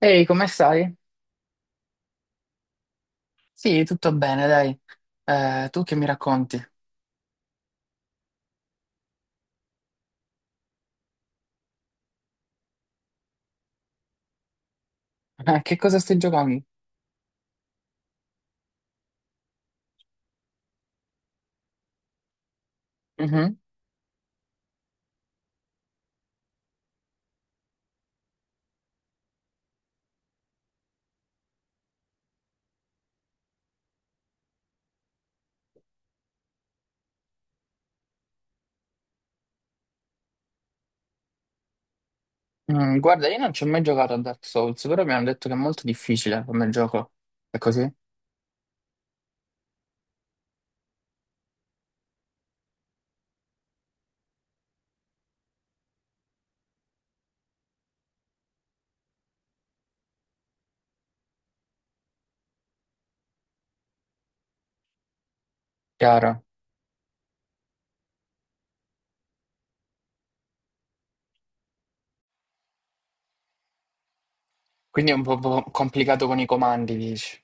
Ehi, come stai? Sì, tutto bene, dai. Tu che mi racconti? Che cosa stai giocando? Mhm. Guarda, io non ci ho mai giocato a Dark Souls, però mi hanno detto che è molto difficile come gioco. È così? Chiaro. Quindi è un po' complicato con i comandi, dici.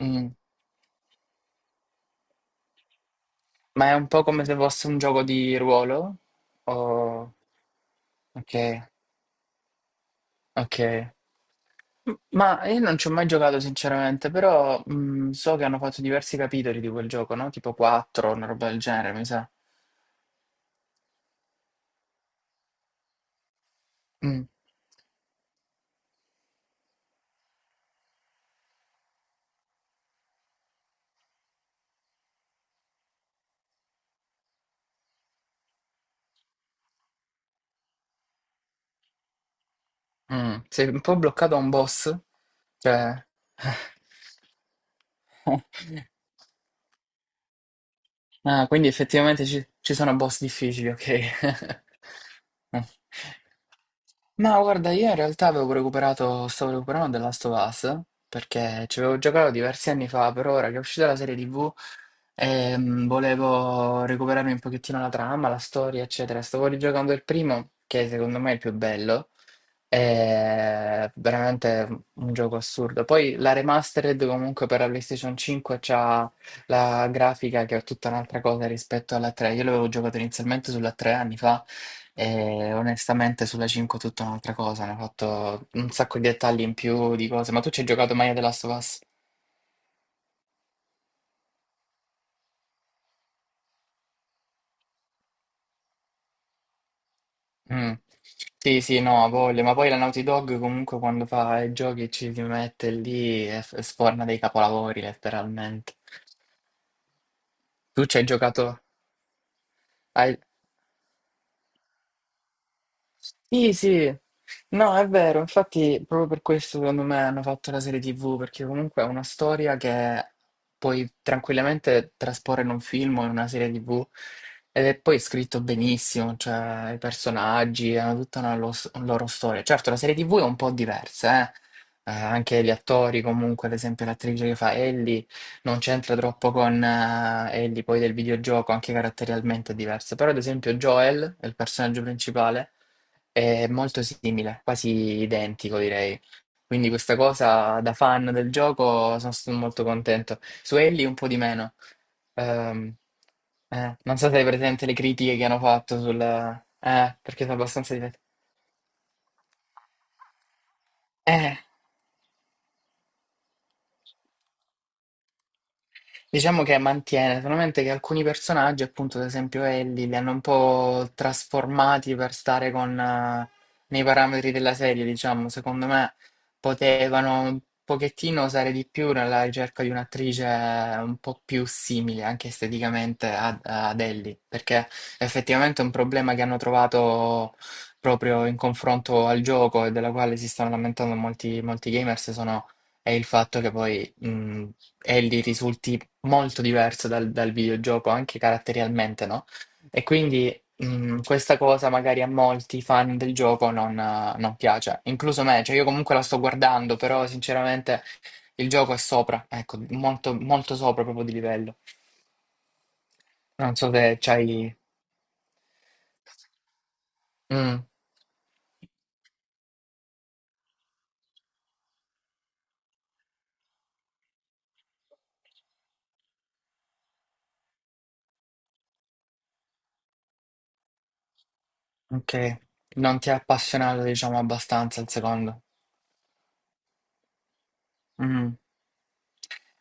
Mm. Ma è un po' come se fosse un gioco di ruolo? O... Ok, ok. Ma io non ci ho mai giocato sinceramente, però so che hanno fatto diversi capitoli di quel gioco, no? Tipo 4, una roba del genere, mi sa. Mh, Sei un po' bloccato a un boss? Cioè. Ah, quindi effettivamente ci sono boss difficili, okay. Mh. Ma guarda, io in realtà avevo recuperato stavo recuperando The Last of Us, perché ci avevo giocato diversi anni fa, però ora che è uscita la serie TV, volevo recuperarmi un pochettino la trama, la storia, eccetera. Stavo rigiocando il primo, che secondo me è il più bello. È veramente un gioco assurdo. Poi la remastered comunque per la PlayStation 5 c'ha la grafica che è tutta un'altra cosa rispetto alla 3. Io l'avevo giocato inizialmente sulla 3 anni fa e onestamente sulla 5 è tutta un'altra cosa. Hanno fatto un sacco di dettagli in più di cose. Ma tu ci hai giocato mai a The Last of Us? Mm. Sì, sì, no, ha voglia, ma poi la Naughty Dog comunque quando fa i giochi ci si mette lì e sforna dei capolavori letteralmente. Tu ci hai giocato? Hai... Sì, sì, no, è vero, infatti proprio per questo secondo me hanno fatto la serie TV, perché comunque è una storia che puoi tranquillamente trasporre in un film o in una serie TV ed è poi scritto benissimo, cioè i personaggi hanno tutta una loro storia. Certo, la serie TV è un po' diversa, eh? Anche gli attori comunque, ad esempio l'attrice che fa Ellie non c'entra troppo con Ellie poi del videogioco, anche caratterialmente è diversa, però ad esempio Joel è il personaggio principale. È molto simile, quasi identico direi. Quindi questa cosa da fan del gioco sono stato molto contento. Su Ellie un po' di meno. Ehm, non so se hai presente le critiche che hanno fatto sul, perché sono abbastanza diverse. Diciamo che mantiene, solamente che alcuni personaggi, appunto, ad esempio Ellie, li hanno un po' trasformati per stare con, nei parametri della serie, diciamo. Secondo me potevano un pochettino usare di più nella ricerca di un'attrice un po' più simile, anche esteticamente, ad Ellie, perché effettivamente è un problema che hanno trovato proprio in confronto al gioco e della quale si stanno lamentando molti, molti gamers, sono, è il fatto che poi, Ellie risulti molto diverso dal videogioco, anche caratterialmente, no? E quindi questa cosa magari a molti fan del gioco non piace, incluso me, cioè io comunque la sto guardando, però sinceramente il gioco è sopra, ecco, molto, molto sopra proprio di livello. Non so se c'hai... Mm, ok, non ti è appassionato, diciamo, abbastanza il secondo. Mm.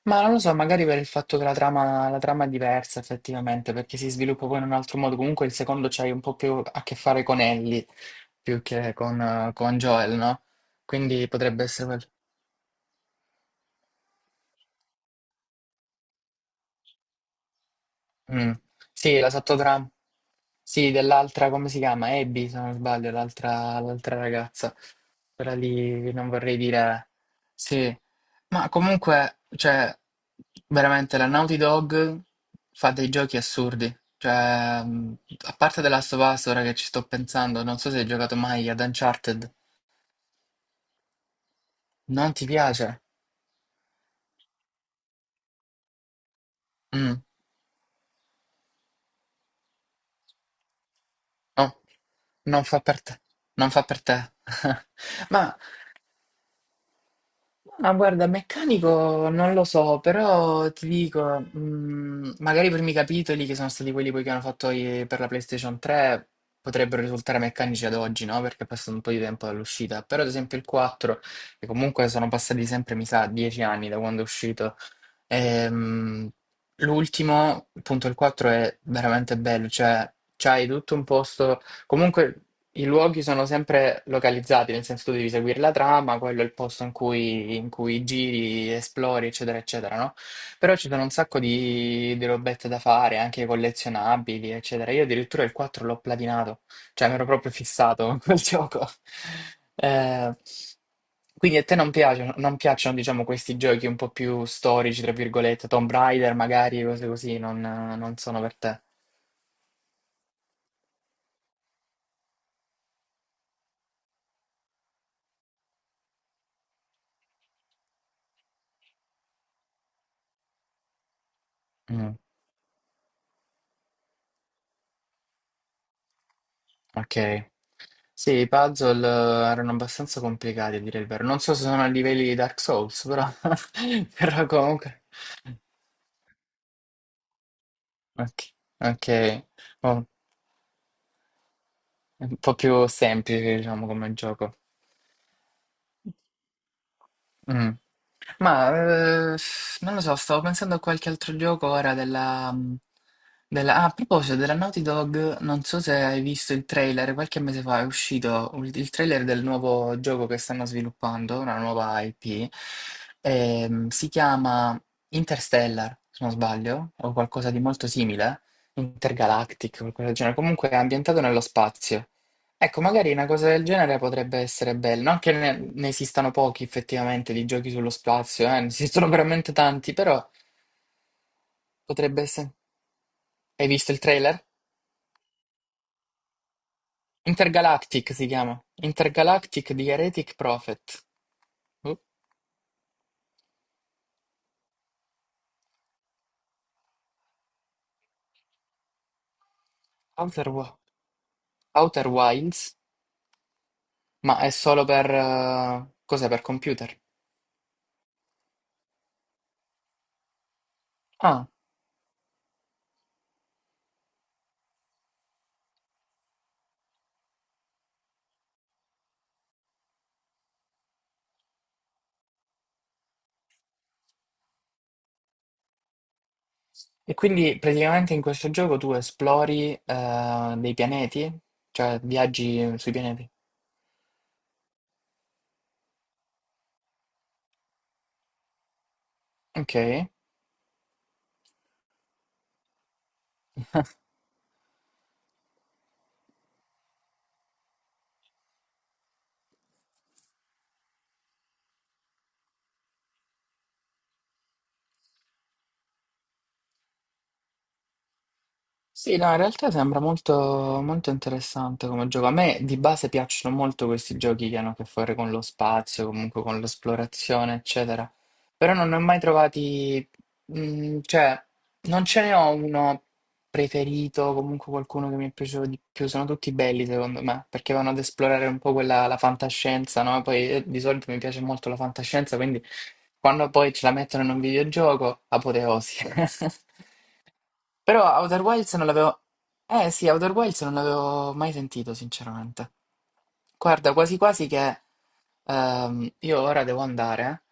Ma non lo so, magari per il fatto che la trama è diversa effettivamente, perché si sviluppa poi in un altro modo. Comunque il secondo c'hai un po' più a che fare con Ellie, più che con Joel, no? Quindi potrebbe essere quello. Mm. Sì, la sottotrama. Sì, dell'altra, come si chiama? Abby, se non sbaglio, l'altra ragazza. Quella lì, non vorrei dire... Sì, ma comunque, cioè, veramente la Naughty Dog fa dei giochi assurdi. Cioè, a parte The Last of Us, ora che ci sto pensando, non so se hai giocato mai ad Uncharted. Non ti piace? Mm. No, non fa per te. Non fa per te. Ma Ma guarda, meccanico non lo so, però ti dico, magari i primi capitoli, che sono stati quelli poi che hanno fatto per la PlayStation 3, potrebbero risultare meccanici ad oggi, no? Perché è passato un po' di tempo dall'uscita. Però ad esempio il 4, che comunque sono passati sempre, mi sa, 10 anni da quando è uscito. Ehm, L'ultimo, il punto il 4, è veramente bello, cioè c'hai tutto un posto, comunque i luoghi sono sempre localizzati, nel senso tu devi seguire la trama, quello è il posto in cui giri, esplori, eccetera, eccetera, no? Però ci sono un sacco di robette da fare, anche collezionabili, eccetera. Io addirittura il 4 l'ho platinato. Cioè, mi ero proprio fissato con quel gioco. Eh, quindi a te non piacciono, non piacciono, diciamo, questi giochi un po' più storici, tra virgolette, Tomb Raider, magari, cose così, non sono per te. Mm, ok. Sì, i puzzle erano abbastanza complicati, a dire il vero. Non so se sono a livelli di Dark Souls, però, però comunque... Ok, ok. Oh, è un po' più semplice, diciamo, come gioco. Mm. Ma non lo so, stavo pensando a qualche altro gioco ora della, mm, della- ah, a proposito della Naughty Dog, non so se hai visto il trailer, qualche mese fa è uscito il trailer del nuovo gioco che stanno sviluppando, una nuova IP. Si chiama Interstellar, se non sbaglio, o qualcosa di molto simile, Intergalactic, qualcosa del genere, comunque è ambientato nello spazio. Ecco, magari una cosa del genere potrebbe essere bella, non che ne esistano pochi effettivamente di giochi sullo spazio. Ne esistono veramente tanti, però potrebbe essere... Hai visto il trailer? Intergalactic si chiama. Intergalactic di Heretic Prophet. Uh, Outer, Wi- Outer Wilds, ma è solo per, cos'è? Per computer. Ah, e quindi praticamente in questo gioco tu esplori dei pianeti, cioè viaggi sui pianeti. Ok. Sì, no, in realtà sembra molto, molto interessante come gioco. A me di base piacciono molto questi giochi che hanno a che fare con lo spazio, comunque con l'esplorazione, eccetera. Però non ne ho mai trovati, cioè, non ce ne ho uno preferito, comunque qualcuno che mi è piaciuto di più. Sono tutti belli secondo me, perché vanno ad esplorare un po' quella, la fantascienza, no? Poi di solito mi piace molto la fantascienza, quindi quando poi ce la mettono in un videogioco, apoteosi. Però Outer Wilds non l'avevo... Eh sì, Outer Wilds non l'avevo mai sentito, sinceramente. Guarda, quasi quasi che... Io ora devo andare.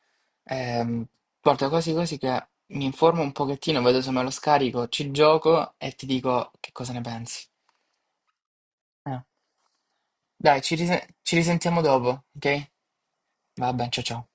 eh. ehm, guarda, quasi quasi che mi informo un pochettino, vedo se me lo scarico, ci gioco e ti dico che cosa ne pensi. Eh. Dai, ci risentiamo dopo, ok? Vabbè, ciao ciao.